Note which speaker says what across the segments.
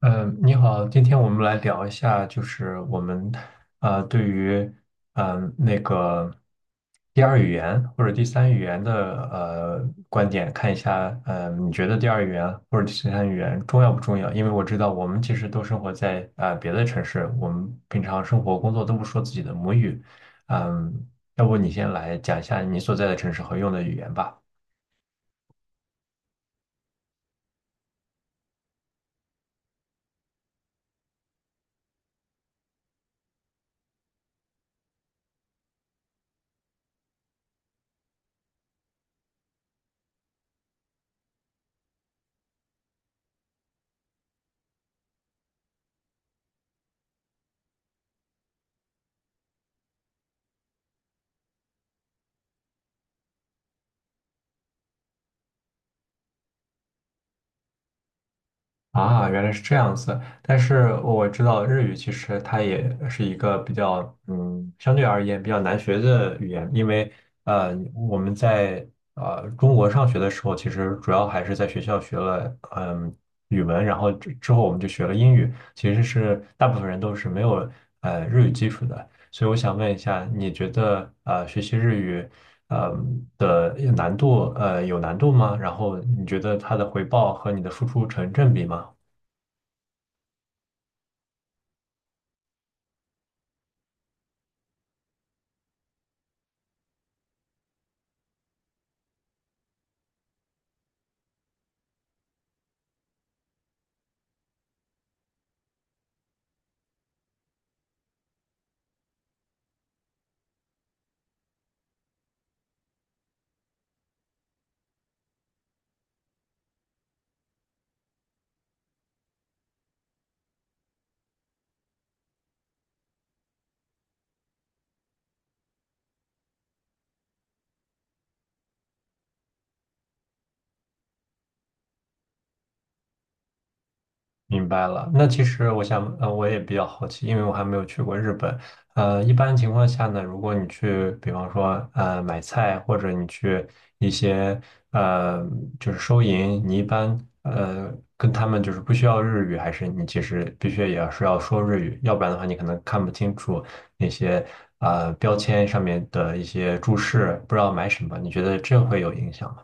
Speaker 1: 嗯，你好，今天我们来聊一下，就是我们对于那个第二语言或者第三语言的观点，看一下，你觉得第二语言或者第三语言重要不重要？因为我知道我们其实都生活在别的城市，我们平常生活工作都不说自己的母语，嗯、要不你先来讲一下你所在的城市和用的语言吧。啊，原来是这样子。但是我知道日语其实它也是一个比较，相对而言比较难学的语言，因为我们在中国上学的时候，其实主要还是在学校学了语文，然后之后我们就学了英语，其实是大部分人都是没有日语基础的。所以我想问一下，你觉得学习日语呃的难度有难度吗？然后你觉得它的回报和你的付出成正比吗？明白了，那其实我想，我也比较好奇，因为我还没有去过日本。一般情况下呢，如果你去，比方说，买菜或者你去一些，呃，就是收银，你一般，跟他们就是不需要日语，还是你其实必须也要是要说日语，要不然的话，你可能看不清楚那些，标签上面的一些注释，不知道买什么，你觉得这会有影响吗？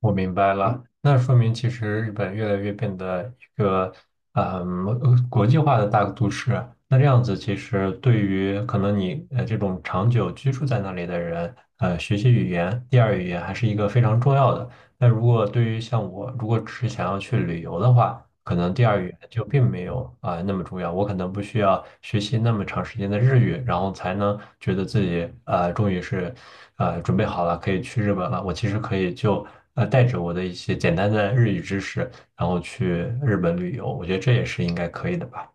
Speaker 1: 我明白了，那说明其实日本越来越变得一个国际化的大都市。那这样子，其实对于可能你这种长久居住在那里的人，学习语言、第二语言还是一个非常重要的。那如果对于像我，如果只是想要去旅游的话，可能第二语言就并没有那么重要。我可能不需要学习那么长时间的日语，然后才能觉得自己终于是准备好了，可以去日本了。我其实可以就带着我的一些简单的日语知识，然后去日本旅游。我觉得这也是应该可以的吧。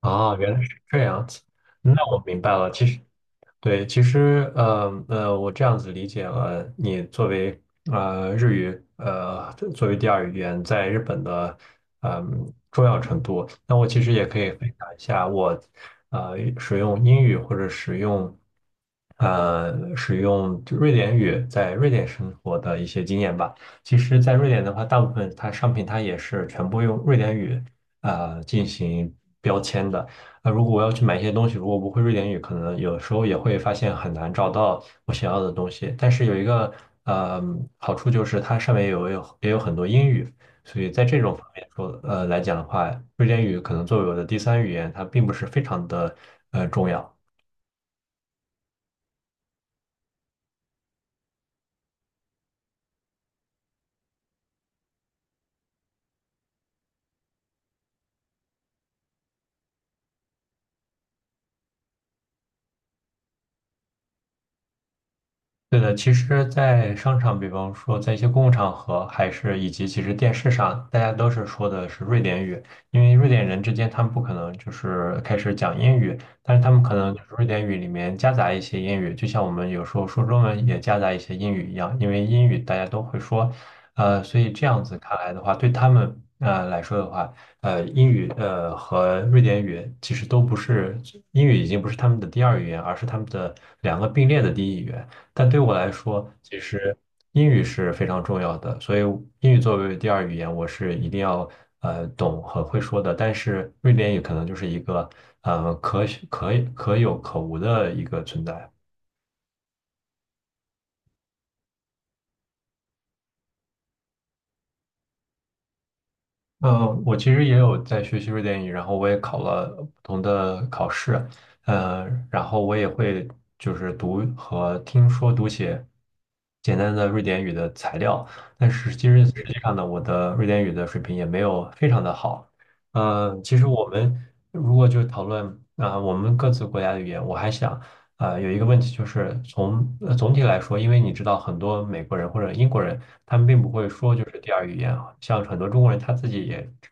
Speaker 1: 哦，原来是这样子。那我明白了。其实对，其实我这样子理解了，你作为日语作为第二语言在日本的重要程度，那我其实也可以分享一下我使用英语或者使用就瑞典语在瑞典生活的一些经验吧。其实，在瑞典的话，大部分它商品它也是全部用瑞典语进行标签的。那如果我要去买一些东西，如果不会瑞典语，可能有时候也会发现很难找到我想要的东西。但是有一个呃好处就是它上面有也有很多英语，所以在这种方面来讲的话，瑞典语可能作为我的第三语言，它并不是非常的重要。对的，其实，在商场，比方说在一些公共场合，还是以及其实电视上，大家都是说的是瑞典语，因为瑞典人之间他们不可能就是开始讲英语，但是他们可能就是瑞典语里面夹杂一些英语，就像我们有时候说中文也夹杂一些英语一样，因为英语大家都会说，所以这样子看来的话，对他们来说的话，英语和瑞典语其实都不是，英语已经不是他们的第二语言，而是他们的两个并列的第一语言。但对我来说，其实英语是非常重要的，所以英语作为第二语言，我是一定要懂和会说的。但是瑞典语可能就是一个呃可可有可无的一个存在。我其实也有在学习瑞典语，然后我也考了不同的考试，呃，然后我也会就是读和听说读写简单的瑞典语的材料，但是其实实际上呢，我的瑞典语的水平也没有非常的好。其实我们如果就讨论我们各自国家的语言，我还想有一个问题就是总体来说，因为你知道很多美国人或者英国人。他们并不会说就是第二语言啊，像很多中国人他自己也只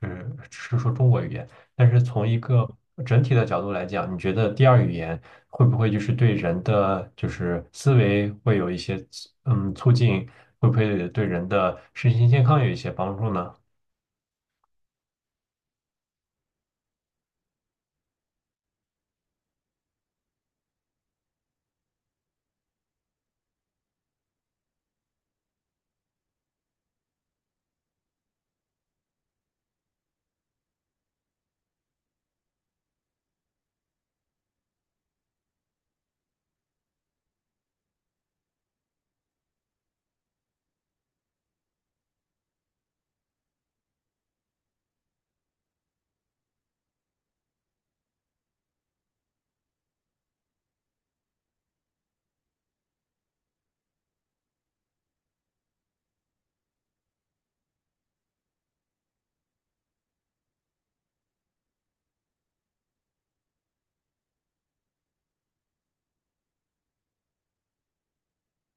Speaker 1: 只是说中国语言，但是从一个整体的角度来讲，你觉得第二语言会不会就是对人的就是思维会有一些促进，会不会对人的身心健康有一些帮助呢？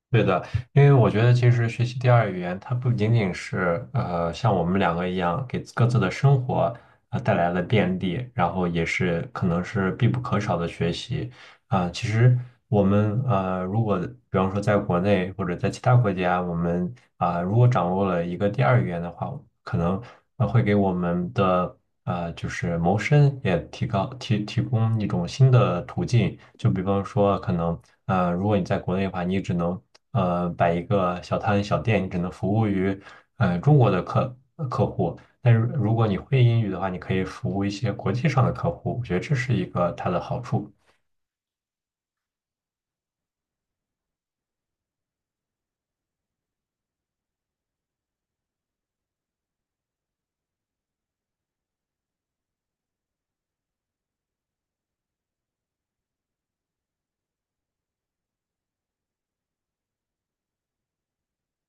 Speaker 1: 对的，因为我觉得其实学习第二语言，它不仅仅是像我们两个一样给各自的生活带来了便利，然后也是可能是必不可少的学习。啊，其实我们如果比方说在国内或者在其他国家，我们如果掌握了一个第二语言的话，可能会给我们的就是谋生也提高提提供一种新的途径。就比方说，可能如果你在国内的话，你只能摆一个小摊小店，你只能服务于中国的户。但是如果你会英语的话，你可以服务一些国际上的客户，我觉得这是一个它的好处。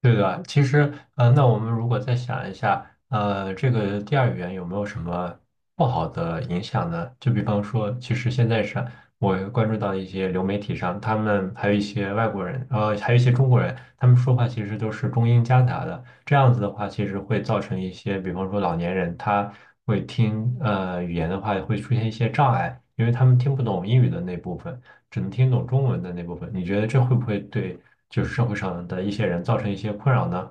Speaker 1: 对的，其实，那我们如果再想一下，这个第二语言有没有什么不好的影响呢？就比方说，其实现在上我关注到一些流媒体上，他们还有一些外国人，还有一些中国人，他们说话其实都是中英夹杂的。这样子的话，其实会造成一些，比方说老年人他会听语言的话，会出现一些障碍，因为他们听不懂英语的那部分，只能听懂中文的那部分。你觉得这会不会对？就是社会上的一些人造成一些困扰呢？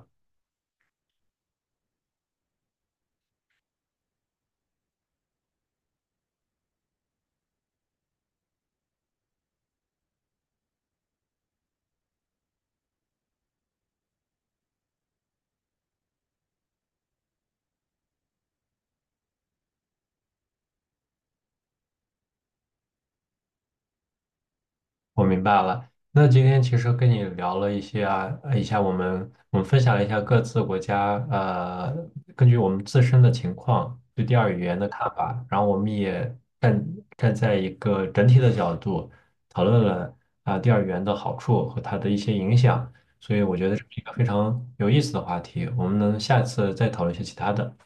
Speaker 1: 我明白了。那今天其实跟你聊了一些啊，一下我们分享了一下各自国家，根据我们自身的情况对第二语言的看法，然后我们也站站在一个整体的角度讨论了第二语言的好处和它的一些影响，所以我觉得这是一个非常有意思的话题，我们能下次再讨论一些其他的。